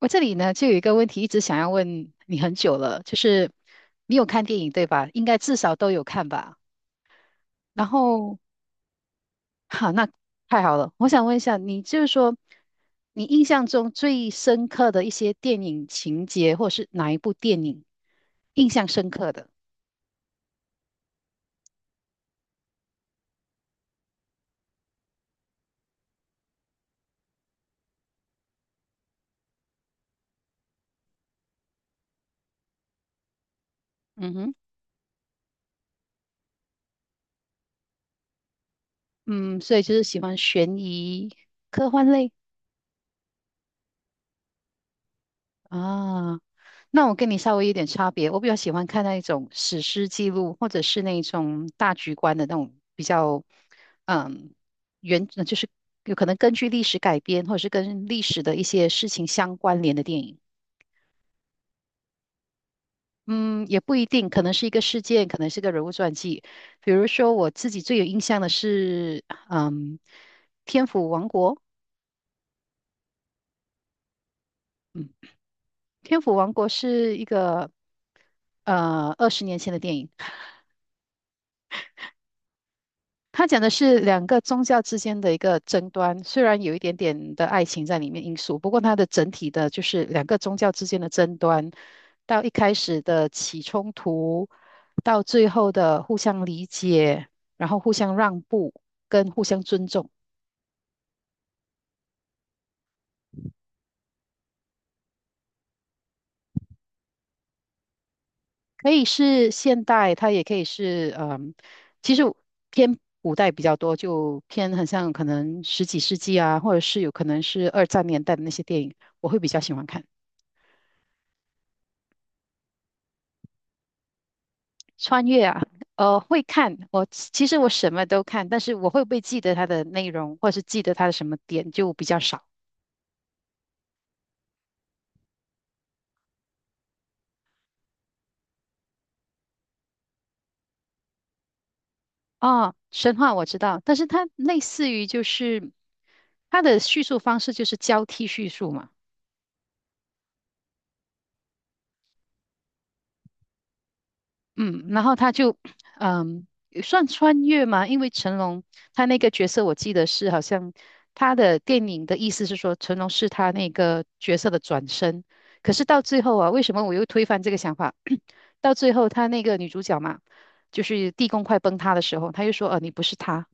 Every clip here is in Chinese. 我这里呢，就有一个问题一直想要问你很久了，就是你有看电影对吧？应该至少都有看吧。然后，哈，那太好了。我想问一下，你就是说，你印象中最深刻的一些电影情节，或是哪一部电影印象深刻的？嗯哼，嗯，所以就是喜欢悬疑、科幻类啊。那我跟你稍微有点差别，我比较喜欢看那一种史诗记录，或者是那一种大局观的那种比较，嗯，就是有可能根据历史改编，或者是跟历史的一些事情相关联的电影。嗯，也不一定，可能是一个事件，可能是个人物传记。比如说，我自己最有印象的是，嗯，《天府王国》。《天府王国》是一个二十年前的电影，他讲的是两个宗教之间的一个争端，虽然有一点点的爱情在里面因素，不过它的整体的就是两个宗教之间的争端，到一开始的起冲突，到最后的互相理解，然后互相让步跟互相尊重，可以是现代，它也可以是嗯，其实偏古代比较多，就偏很像可能十几世纪啊，或者是有可能是二战年代的那些电影，我会比较喜欢看。穿越啊，会看。我其实我什么都看，但是我会不会记得它的内容，或是记得它的什么点，就比较少。啊。神话我知道，但是它类似于就是它的叙述方式就是交替叙述嘛，嗯，然后它就嗯算穿越嘛，因为成龙他那个角色我记得是好像他的电影的意思是说成龙是他那个角色的转身，可是到最后啊，为什么我又推翻这个想法？到最后，她那个女主角嘛，就是地宫快崩塌的时候，她又说：你不是她。”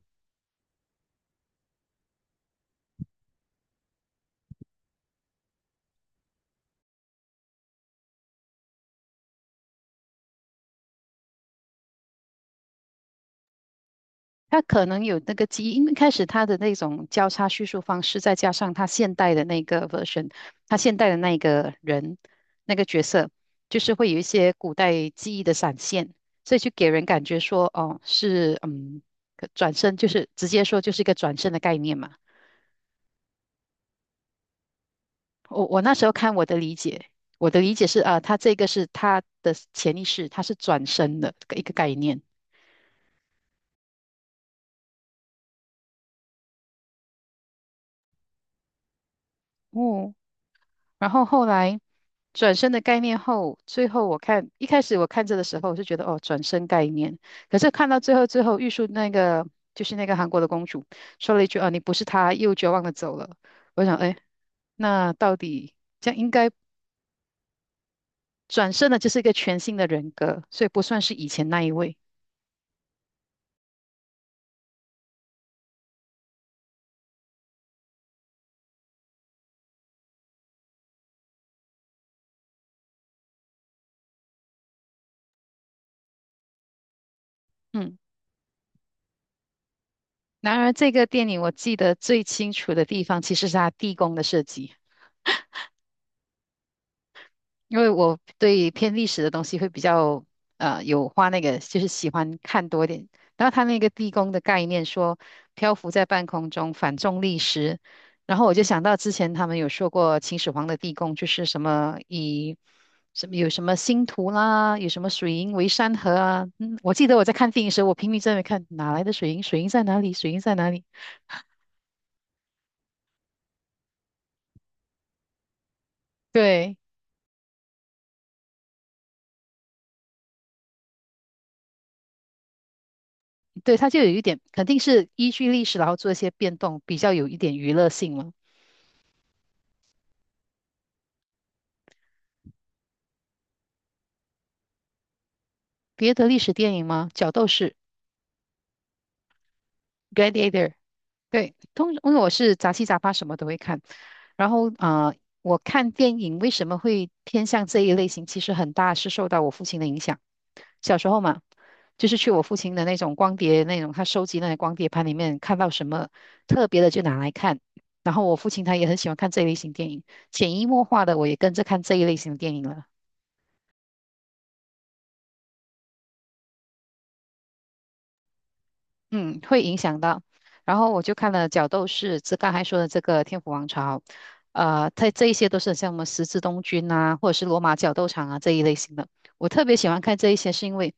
她可能有那个记忆，因为开始她的那种交叉叙述方式，再加上她现代的那个 version，她现代的那个人那个角色，就是会有一些古代记忆的闪现，所以就给人感觉说，哦，是嗯，可转身就是直接说就是一个转身的概念嘛。我那时候看我的理解。我的理解是，啊，他这个是他的潜意识，他是转身的一个概念。哦，然后后来转身的概念后，最后我看一开始我看着的时候，我就觉得哦，转身概念。可是看到最后，最后玉树那个就是那个韩国的公主说了一句：“哦，你不是她。”又绝望的走了。我想，哎，那到底这样应该转身的，就是一个全新的人格，所以不算是以前那一位。嗯，然而这个电影我记得最清楚的地方，其实是它地宫的设计。因为我对偏历史的东西会比较有花那个，就是喜欢看多一点。然后他那个地宫的概念说漂浮在半空中，反重力时，然后我就想到之前他们有说过秦始皇的地宫就是什么以什么有什么星图啦，有什么水银为山河啊。嗯，我记得我在看电影时候，我拼命在那边看哪来的水银，水银在哪里，水银在哪里？对对，它就有一点肯定是依据历史然后做一些变动，比较有一点娱乐性了。别的历史电影吗？角斗士（ （Gladiator）。对，通因为我是杂七杂八什么都会看，然后我看电影为什么会偏向这一类型？其实很大是受到我父亲的影响。小时候嘛，就是去我父亲的那种光碟，那种他收集那些光碟盘里面看到什么特别的就拿来看。然后我父亲他也很喜欢看这一类型电影，潜移默化的我也跟着看这一类型的电影了。嗯，会影响到。然后我就看了角斗士，这刚才说的这个天府王朝，它这一些都是像我们十字东军啊，或者是罗马角斗场啊这一类型的。我特别喜欢看这一些，是因为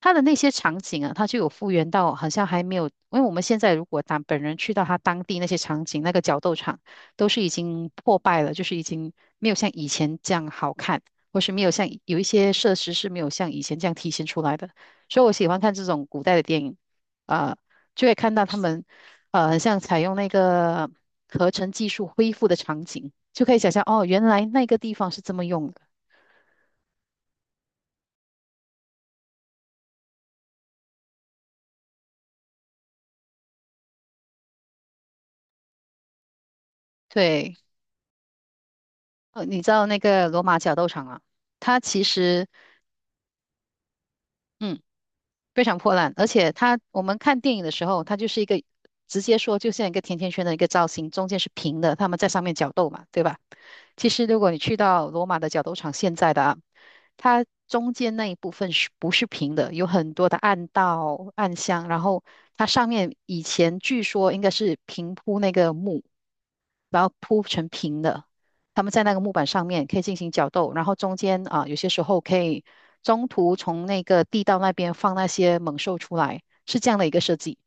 它的那些场景啊，它就有复原到，好像还没有，因为我们现在如果当本人去到它当地那些场景，那个角斗场都是已经破败了，就是已经没有像以前这样好看，或是没有像有一些设施是没有像以前这样体现出来的。所以我喜欢看这种古代的电影。啊，就会看到他们很像采用那个合成技术恢复的场景，就可以想象哦，原来那个地方是这么用的。对，你知道那个罗马角斗场啊，它其实嗯非常破烂，而且它我们看电影的时候，它就是一个直接说就像一个甜甜圈的一个造型，中间是平的，他们在上面角斗嘛，对吧？其实如果你去到罗马的角斗场现在的啊，它中间那一部分是不是平的？有很多的暗道、暗箱，然后它上面以前据说应该是平铺那个木，然后铺成平的。他们在那个木板上面可以进行角斗，然后中间啊，有些时候可以中途从那个地道那边放那些猛兽出来，是这样的一个设计。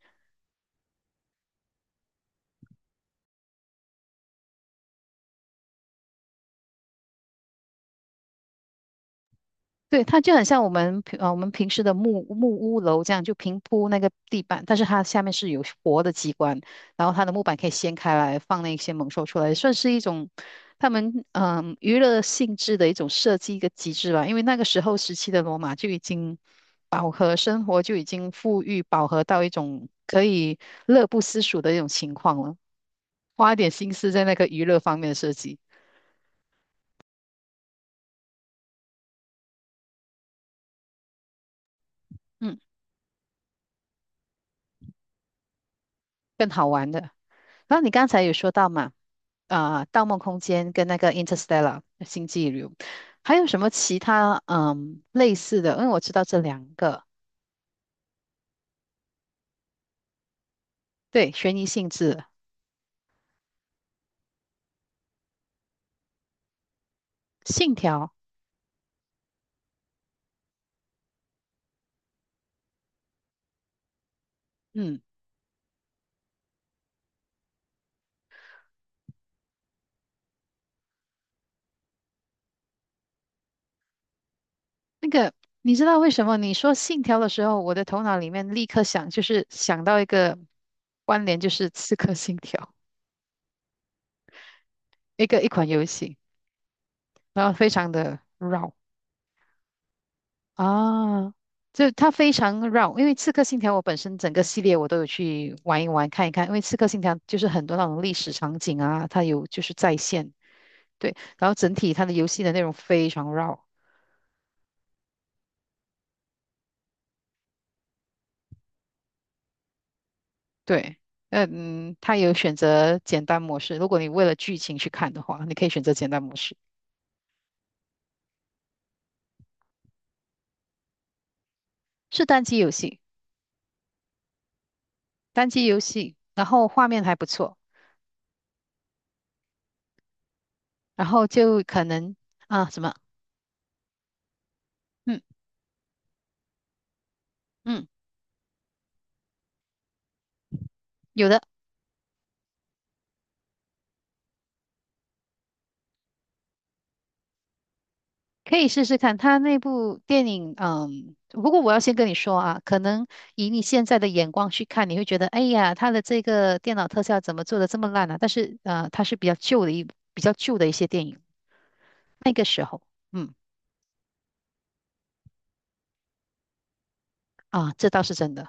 对，它就很像我们平时的木屋楼这样，就平铺那个地板，但是它下面是有活的机关，然后它的木板可以掀开来放那些猛兽出来，算是一种他们娱乐性质的一种设计一个机制吧。因为那个时候时期的罗马就已经饱和生活就已经富裕饱和到一种可以乐不思蜀的一种情况了，花一点心思在那个娱乐方面的设计，嗯，更好玩的。然后你刚才有说到嘛，啊、盗梦空间》跟那个《Interstellar》《星际旅游》，还有什么其他类似的？因为我知道这两个，对，悬疑性质，《信条》，嗯，那个你知道为什么你说《信条》的时候，我的头脑里面立刻想，就是想到一个关联，就是《刺客信条》一款游戏，然后非常的绕。啊，就它非常绕，因为《刺客信条》我本身整个系列我都有去玩一玩看一看，因为《刺客信条》就是很多那种历史场景啊，它有就是再现，对，然后整体它的游戏的内容非常绕，对，嗯，它有选择简单模式，如果你为了剧情去看的话，你可以选择简单模式，是单机游戏，单机游戏，然后画面还不错，然后就可能啊什么，嗯嗯，有的。可以试试看，他那部电影，嗯，不过我要先跟你说啊，可能以你现在的眼光去看，你会觉得，哎呀，他的这个电脑特效怎么做的这么烂啊？但是，它是比较旧的一些电影，那个时候，嗯，啊，这倒是真的。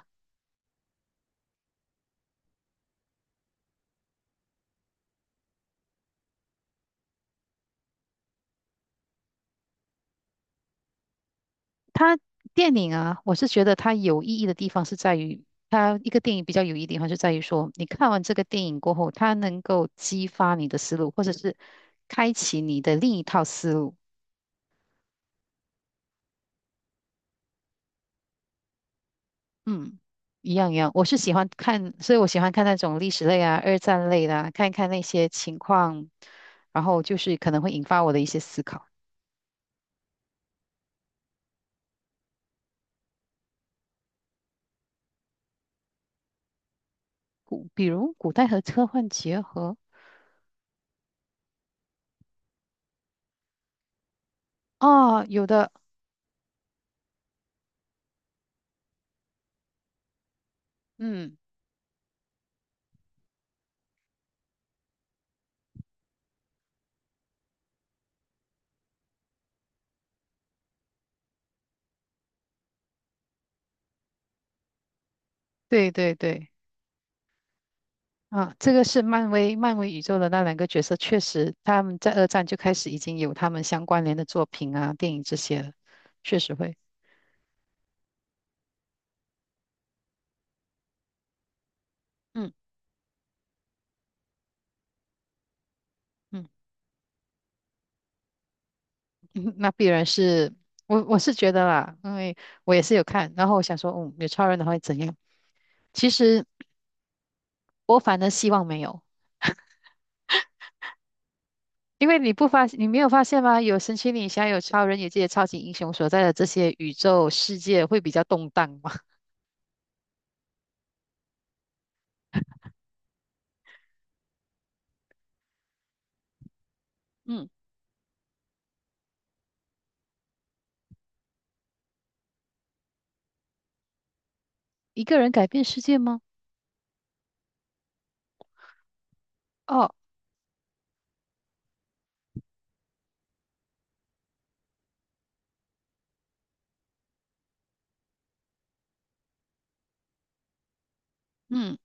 它电影啊，我是觉得它有意义的地方是在于，它一个电影比较有意义的地方是在于说，你看完这个电影过后，它能够激发你的思路，或者是开启你的另一套思路。嗯，一样一样，我是喜欢看，所以我喜欢看那种历史类啊、二战类的啊，看一看那些情况，然后就是可能会引发我的一些思考，古，比如古代和科幻结合啊，有的，嗯，对对对，啊，这个是漫威宇宙的那两个角色，确实他们在二战就开始已经有他们相关联的作品啊、电影这些了，确实会，嗯嗯。那必然是我是觉得啦，因为我也是有看，然后我想说，嗯，有超人的话会怎样？其实我反而希望没有，因为你没有发现吗？有神奇女侠，有超人，有这些超级英雄所在的这些宇宙世界会比较动荡吗？嗯，一个人改变世界吗？哦，嗯，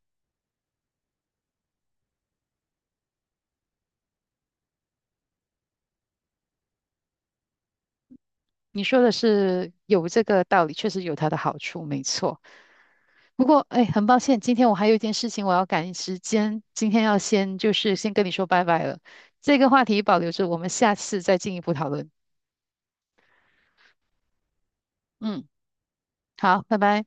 你说的是有这个道理，确实有它的好处，没错。不过，哎，很抱歉，今天我还有一件事情我要赶时间，今天要先就是先跟你说拜拜了。这个话题保留着，我们下次再进一步讨论。嗯，好，拜拜。